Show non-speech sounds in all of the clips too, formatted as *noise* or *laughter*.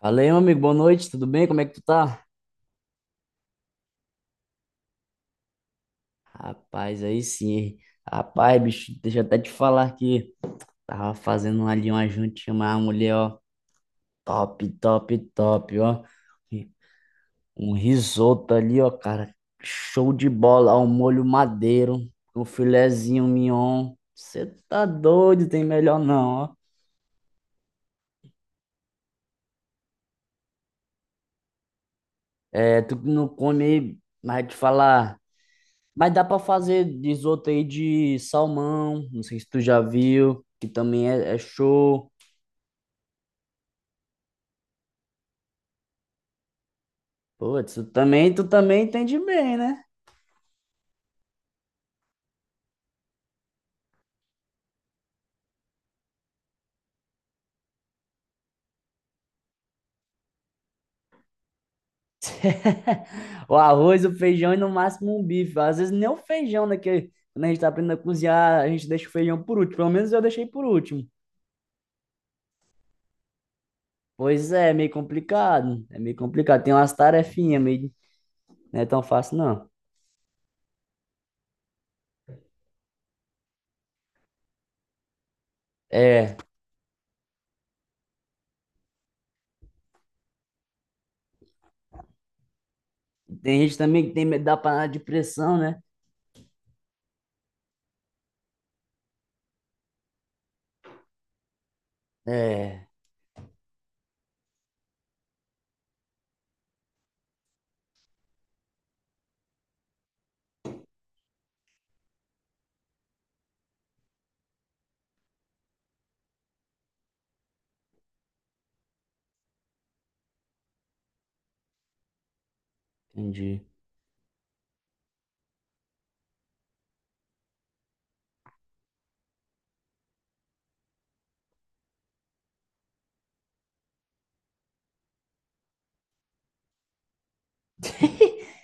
Fala aí, meu amigo, boa noite, tudo bem? Como é que tu tá? Rapaz, aí sim, hein? Rapaz, bicho, deixa eu até te falar que tava fazendo ali uma jantinha, uma mulher, ó, top, top, top, ó. E Um risoto ali, ó, cara, show de bola, ó, um molho madeiro, um filezinho mignon. Você tá doido, tem melhor não, ó. É, tu que não come, mas te falar. Mas dá pra fazer risoto aí de salmão, não sei se tu já viu, que também é show. Putz, tu também entende bem, né? *laughs* O arroz, o feijão e no máximo um bife. Às vezes nem o feijão, né? Que quando a gente tá aprendendo a cozinhar, a gente deixa o feijão por último. Pelo menos eu deixei por último. Pois é, é meio complicado. É meio complicado. Tem umas tarefinhas meio. Não é tão fácil, não. É. Tem gente também que tem medo da panela de pressão, né? É, entendi. *laughs*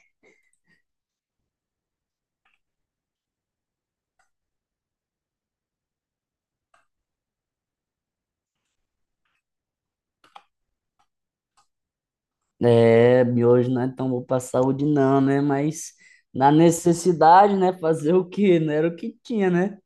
É, miojo não é tão bom pra saúde não, né? Mas na necessidade, né? Fazer o quê? Não era o que tinha, né?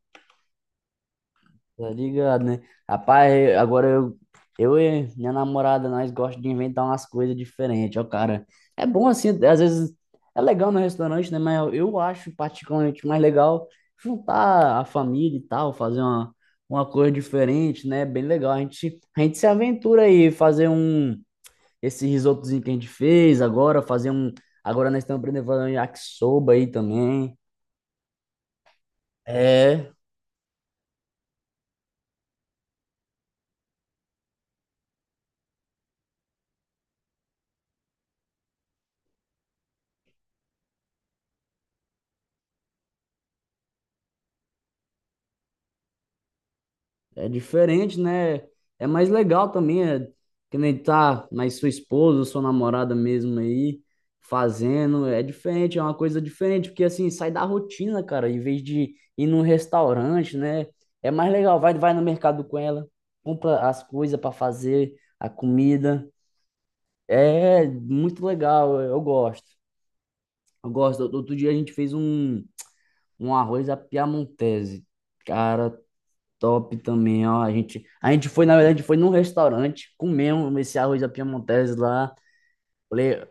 Tá ligado, né? Agora eu e minha namorada, nós gostamos de inventar umas coisas diferentes, ó, cara. É bom assim, às vezes é legal no restaurante, né? Mas eu acho particularmente mais legal juntar a família e tal, fazer uma coisa diferente, né? Bem legal. A gente se aventura aí, fazer um esse risotozinho que a gente fez agora, fazer um. Agora nós estamos aprendendo a fazer um yakisoba aí também. É, é diferente, né? É mais legal também, é, que nem tá mais sua esposa, sua namorada mesmo aí, fazendo. É diferente, é uma coisa diferente, porque assim, sai da rotina, cara, em vez de ir num restaurante, né? É mais legal, vai, vai no mercado com ela, compra as coisas para fazer, a comida. É muito legal, eu gosto. Eu gosto. Outro dia a gente fez um, um arroz à piamontese. Cara, top também, ó. A gente foi, na verdade, foi num restaurante, comemos esse arroz à piamontese lá. Falei,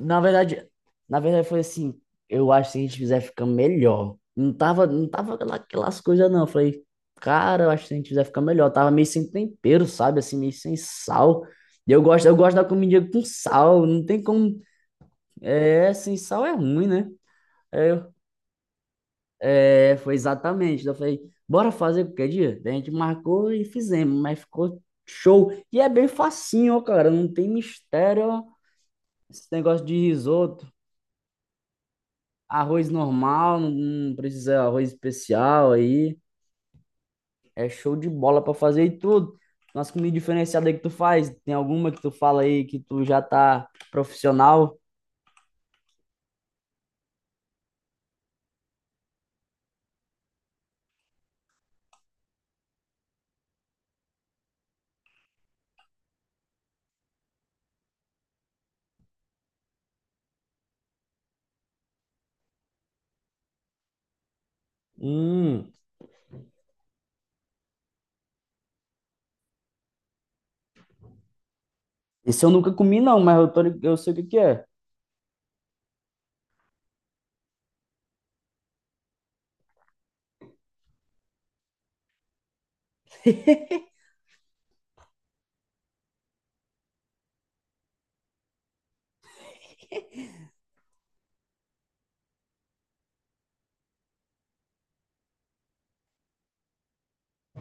na verdade, na verdade foi assim, eu acho que se a gente fizer fica melhor. Não tava aquelas coisas não. Eu falei, cara, eu acho que se a gente fizer fica melhor. Tava meio sem tempero, sabe? Assim, meio sem sal. E eu gosto da comida com sal. Não tem como, é, sem sal é ruim, né? É, foi exatamente. Eu falei, bora fazer qualquer dia? Daí a gente marcou e fizemos, mas ficou show. E é bem facinho, ó, cara. Não tem mistério, ó. Esse negócio de risoto, arroz normal, não precisa arroz especial aí. É show de bola pra fazer e tudo. Nossa comida diferenciada aí que tu faz, tem alguma que tu fala aí que tu já tá profissional? Hum, esse eu nunca comi não, mas eu, tô, eu sei o que que é.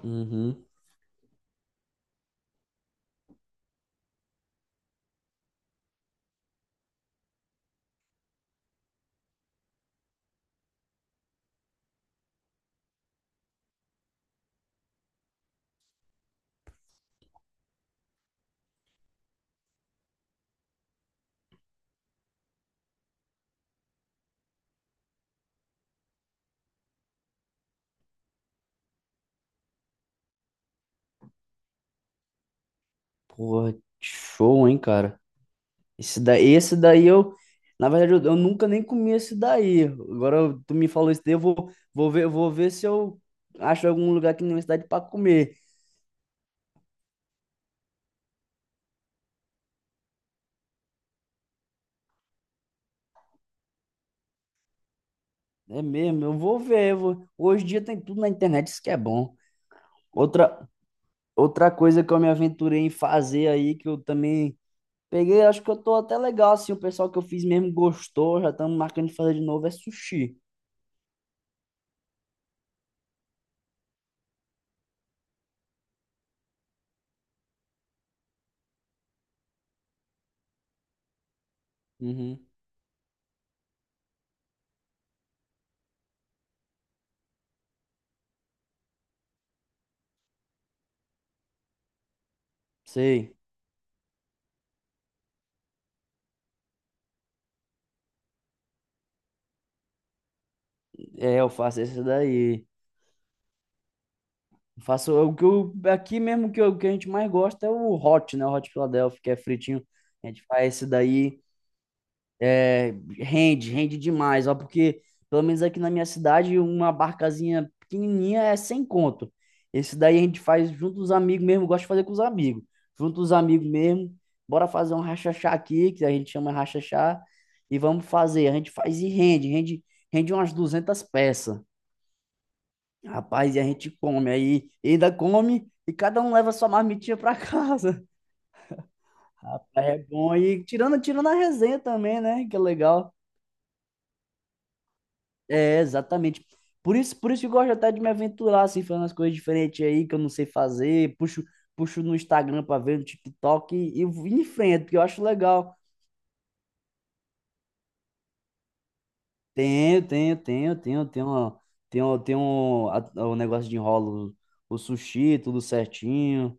Uhum. Porra, show, hein, cara. Esse daí eu, na verdade, eu nunca nem comi esse daí. Tu me falou isso daí, eu vou, vou ver se eu acho algum lugar aqui na minha cidade para comer. É mesmo, eu vou ver. Hoje em dia tem tudo na internet, isso que é bom. Outra, outra coisa que eu me aventurei em fazer aí, que eu também peguei, acho que eu tô até legal, assim, o pessoal que eu fiz mesmo gostou, já estamos marcando de fazer de novo, é sushi. Uhum. Sei. É, eu faço esse daí. Eu faço o que eu, aqui mesmo que, que a gente mais gosta é o hot, né? O hot Philadelphia, que é fritinho. A gente faz esse daí, rende, rende demais, ó, porque pelo menos aqui na minha cidade, uma barcazinha pequenininha é sem conto. Esse daí a gente faz junto dos amigos mesmo, eu gosto de fazer com os amigos. Junto dos amigos mesmo, bora fazer um rachachá aqui, que a gente chama rachachá, e vamos fazer. A gente faz e rende, rende umas 200 peças. Rapaz, e a gente come aí, e ainda come e cada um leva sua marmitinha pra casa. *laughs* Rapaz, é bom. E tirando, tirando a resenha também, né? Que é legal. É, exatamente. Por isso que eu gosto até de me aventurar, assim, fazendo as coisas diferentes aí que eu não sei fazer. Puxo, puxo no Instagram pra ver, no TikTok e vou em frente, porque eu acho legal. Tenho, tenho, tenho, tenho, tenho, tenho o negócio de enrolo, o sushi, tudo certinho.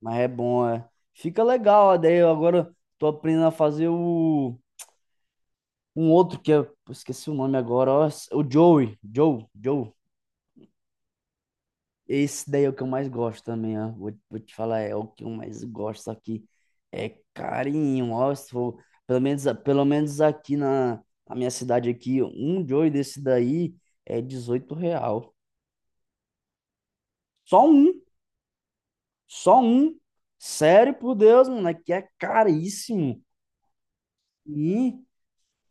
Mas é bom, é. Fica legal, ó, daí eu agora tô aprendendo a fazer o um outro que eu esqueci o nome agora, ó, o Joey, Joe, Joe. Esse daí é o que eu mais gosto também, ó. Vou, vou te falar, é o que eu mais gosto aqui. É carinho, ó, se for, pelo menos aqui na, na minha cidade aqui, um Joey desse daí é 18 real. Só um, só um. Sério, por Deus, mano, aqui é caríssimo. e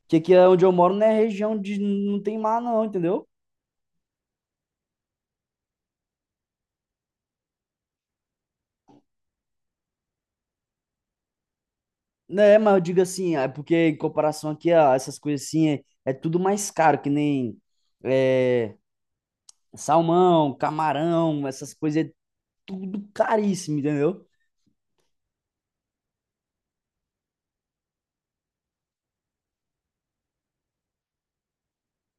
Que aqui é onde eu moro não é região de. Não tem mar, não, entendeu? Né, mas eu digo assim, é porque em comparação aqui a essas coisas assim, é, é tudo mais caro, que nem é, salmão, camarão, essas coisas, é tudo caríssimo, entendeu?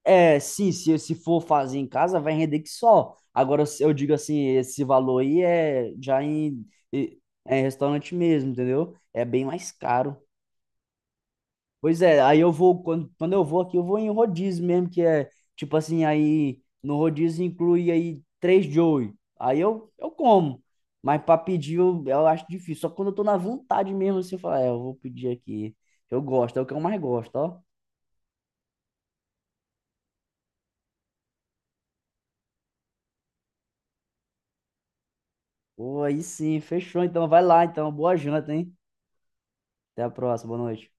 É, sim, se for fazer em casa, vai render que só. Agora, se eu digo assim, esse valor aí é já em, em- é em restaurante mesmo, entendeu? É bem mais caro. Pois é, aí eu vou, quando, quando eu vou aqui, eu vou em rodízio mesmo, que é tipo assim, aí no rodízio inclui aí três Joey. Aí eu como. Mas pra pedir eu acho difícil. Só quando eu tô na vontade mesmo, assim, eu falo, é, eu vou pedir aqui. Eu gosto, é o que eu mais gosto, ó. Pô, aí sim, fechou. Então vai lá, então. Boa janta, hein? Até a próxima, boa noite.